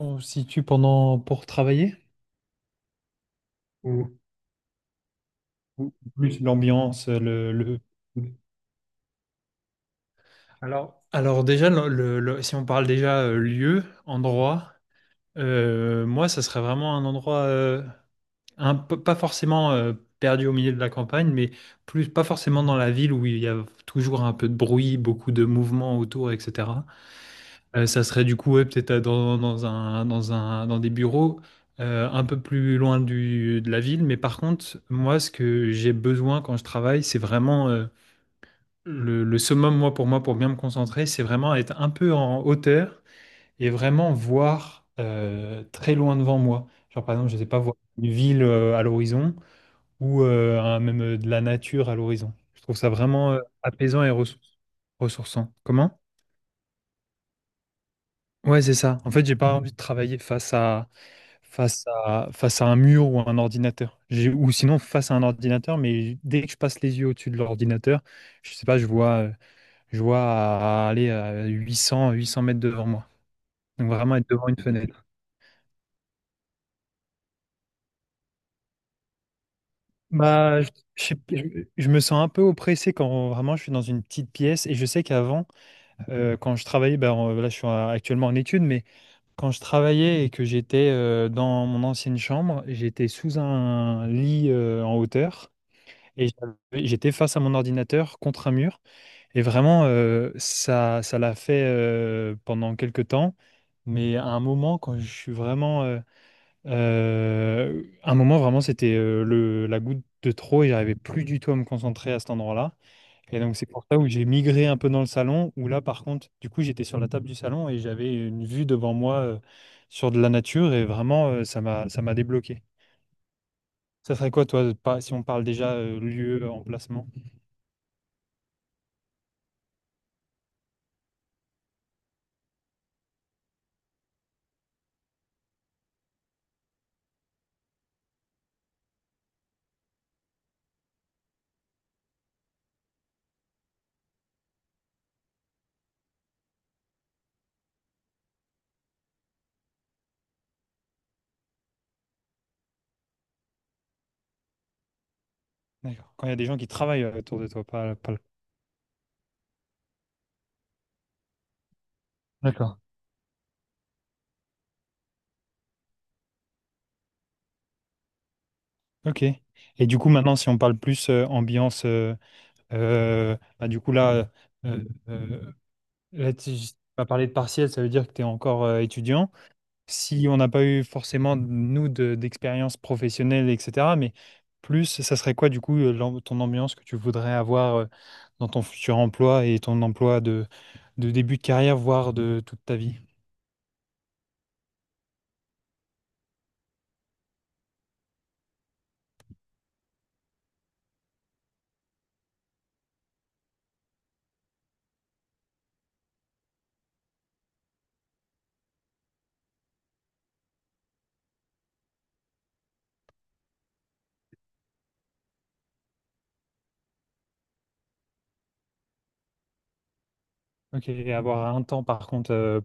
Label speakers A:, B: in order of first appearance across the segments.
A: On se situe pendant pour travailler ou, ou plus l'ambiance, Alors déjà, si on parle déjà lieu, endroit, moi, ça serait vraiment un endroit, pas forcément perdu au milieu de la campagne, mais plus pas forcément dans la ville où il y a toujours un peu de bruit, beaucoup de mouvements autour, etc. Ça serait du coup ouais, peut-être dans des bureaux un peu plus loin de la ville. Mais par contre, moi, ce que j'ai besoin quand je travaille, c'est vraiment le summum, moi, pour bien me concentrer, c'est vraiment être un peu en hauteur et vraiment voir très loin devant moi. Genre, par exemple, je ne sais pas, voir une ville à l'horizon ou même de la nature à l'horizon. Je trouve ça vraiment apaisant et ressourçant. Comment? Ouais, c'est ça. En fait, j'ai pas envie de travailler face à un mur ou à un ordinateur. Ou sinon face à un ordinateur, mais dès que je passe les yeux au-dessus de l'ordinateur, je sais pas, je vois à aller à 800, 800 mètres devant moi. Donc vraiment être devant une fenêtre. Bah, je me sens un peu oppressé quand vraiment je suis dans une petite pièce et je sais qu'avant, quand je travaillais, bah, là je suis actuellement en études, mais quand je travaillais et que j'étais dans mon ancienne chambre, j'étais sous un lit en hauteur. Et j'étais face à mon ordinateur contre un mur. Et vraiment, ça l'a fait pendant quelques temps. Mais à un moment, quand je suis vraiment. Un moment, vraiment, c'était la goutte de trop et j'arrivais plus du tout à me concentrer à cet endroit-là. Et donc, c'est pour ça où j'ai migré un peu dans le salon, où là, par contre, du coup, j'étais sur la table du salon et j'avais une vue devant moi sur de la nature et vraiment, ça m'a débloqué. Ça serait quoi, toi, si on parle déjà lieu, emplacement? D'accord. Quand il y a des gens qui travaillent autour de toi, pas. D'accord. Ok. Et du coup, maintenant, si on parle plus ambiance, bah, du coup, euh, euh, là, tu vas parler de partiel, ça veut dire que tu es encore étudiant. Si on n'a pas eu forcément, nous, d'expérience professionnelle, etc., mais plus, ça serait quoi, du coup, ton ambiance que tu voudrais avoir dans ton futur emploi et ton emploi de début de carrière, voire de toute ta vie? Ok. Et avoir un temps, par contre,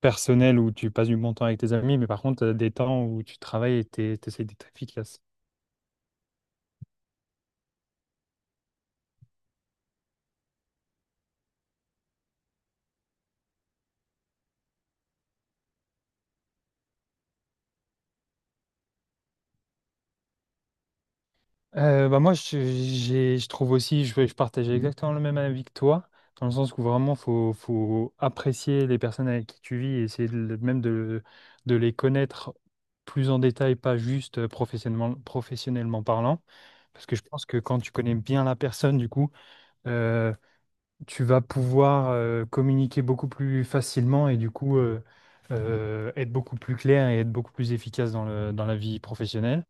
A: personnel où tu passes du bon temps avec tes amis, mais par contre, des temps où tu travailles et t'essaies d'être efficace. Bah moi, je trouve aussi, je partage exactement le même avis que toi, dans le sens où vraiment, faut apprécier les personnes avec qui tu vis et essayer même de les connaître plus en détail, pas juste professionnellement parlant. Parce que je pense que quand tu connais bien la personne, du coup, euh, tu vas pouvoir communiquer beaucoup plus facilement et du coup être beaucoup plus clair et être beaucoup plus efficace dans la vie professionnelle.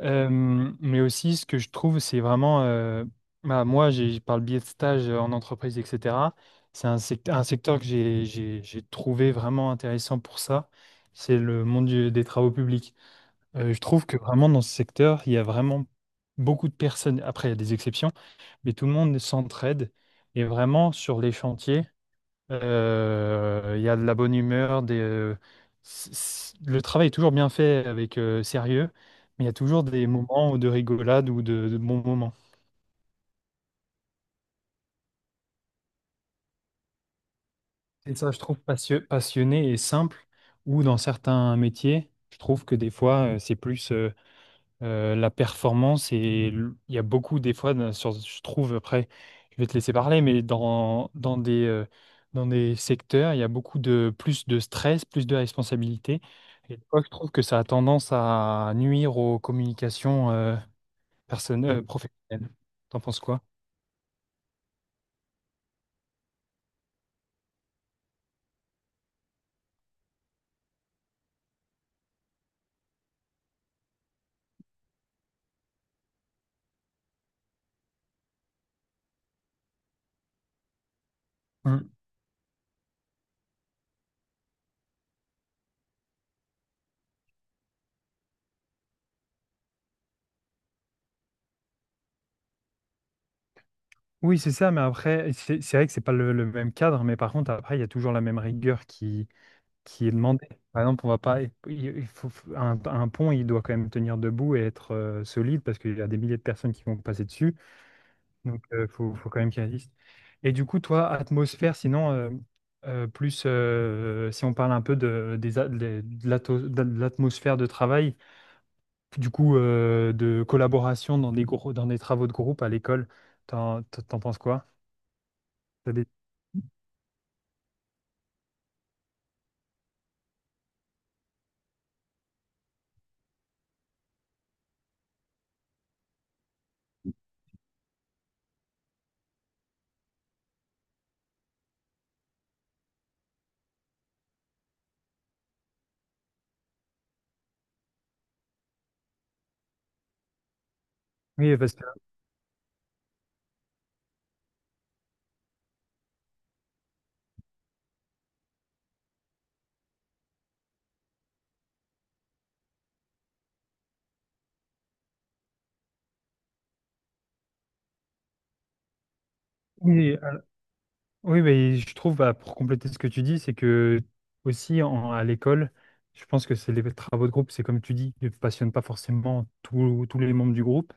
A: Mais aussi, ce que je trouve, c'est vraiment, bah, moi, j'ai, par le biais de stages en entreprise, etc., c'est un secteur que j'ai trouvé vraiment intéressant pour ça, c'est le monde des travaux publics. Je trouve que vraiment dans ce secteur, il y a vraiment beaucoup de personnes. Après, il y a des exceptions, mais tout le monde s'entraide. Et vraiment, sur les chantiers, il y a de la bonne humeur. Le travail est toujours bien fait avec sérieux, mais il y a toujours des moments de rigolade ou de bons moments. Et ça, je trouve passionné et simple, ou dans certains métiers, je trouve que des fois, c'est plus, la performance et il y a beaucoup des fois je trouve, après, je vais te laisser parler, mais dans des secteurs il y a beaucoup de plus de stress, plus de responsabilité, et des fois, je trouve que ça a tendance à nuire aux communications professionnelles. T'en penses quoi? Mm. Oui, c'est ça, mais après, c'est vrai que c'est pas le même cadre, mais par contre, après, il y a toujours la même rigueur qui est demandé. Par exemple, on va pas, un pont, il doit quand même tenir debout et être solide parce qu'il y a des milliers de personnes qui vont passer dessus. Donc, il faut quand même qu'il résiste. Et du coup, toi, atmosphère, sinon, plus si on parle un peu de, des a- des- de l'ato- de l'atmosphère de travail, du coup, de collaboration dans des travaux de groupe à l'école, t'en penses quoi? T'as des- Oui, oui, oui, mais je trouve, bah, pour compléter ce que tu dis, c'est que aussi à l'école, je pense que c'est les travaux de groupe, c'est comme tu dis, ne passionne pas forcément tous les membres du groupe.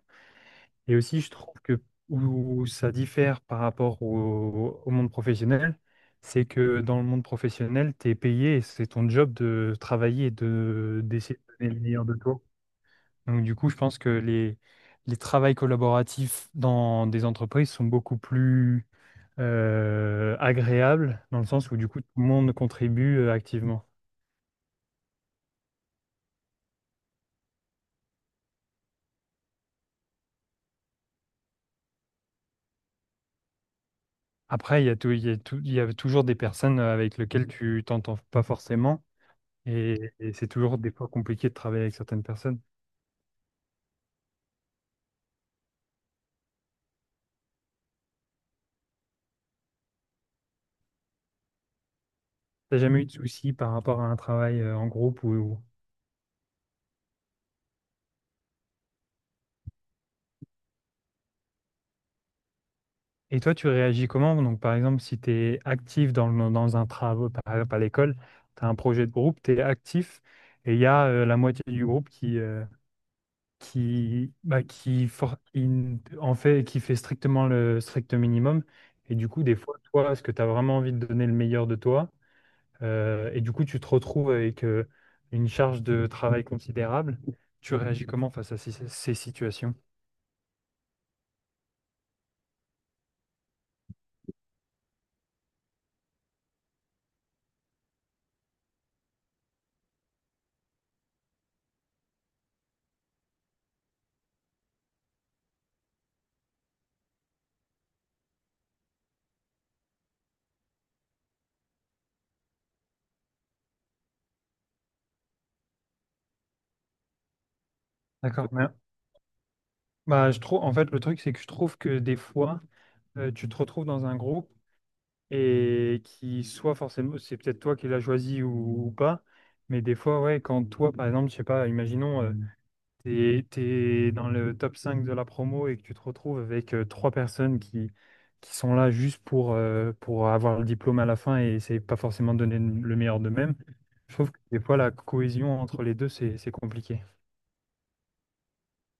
A: Et aussi, je trouve que où ça diffère par rapport au monde professionnel, c'est que dans le monde professionnel, tu es payé et c'est ton job de travailler et d'essayer de donner le meilleur de toi. Donc, du coup, je pense que les travails collaboratifs dans des entreprises sont beaucoup plus agréable, dans le sens où du coup tout le monde contribue activement. Après, il y a toujours des personnes avec lesquelles tu t'entends pas forcément, et c'est toujours des fois compliqué de travailler avec certaines personnes. T'as jamais eu de soucis par rapport à un travail en groupe ou? Et toi, tu réagis comment? Donc, par exemple, si tu es actif dans un travail, par exemple à l'école, tu as un projet de groupe, tu es actif, et il y a la moitié du groupe qui, bah, qui, for- qui n- en fait, qui fait strictement le strict minimum. Et du coup, des fois, toi, est-ce que tu as vraiment envie de donner le meilleur de toi? Et du coup, tu te retrouves avec une charge de travail considérable. Tu réagis comment face à ces situations? D'accord. Bah, je trouve, en fait, le truc, c'est que je trouve que des fois, tu te retrouves dans un groupe et qui soit forcément, c'est peut-être toi qui l'as choisi ou pas, mais des fois, ouais, quand toi, par exemple, je sais pas, imaginons. T'es dans le top 5 de la promo et que tu te retrouves avec trois personnes qui sont là juste pour avoir le diplôme à la fin et c'est pas forcément donner le meilleur d'eux-mêmes. Je trouve que des fois, la cohésion entre les deux, c'est compliqué.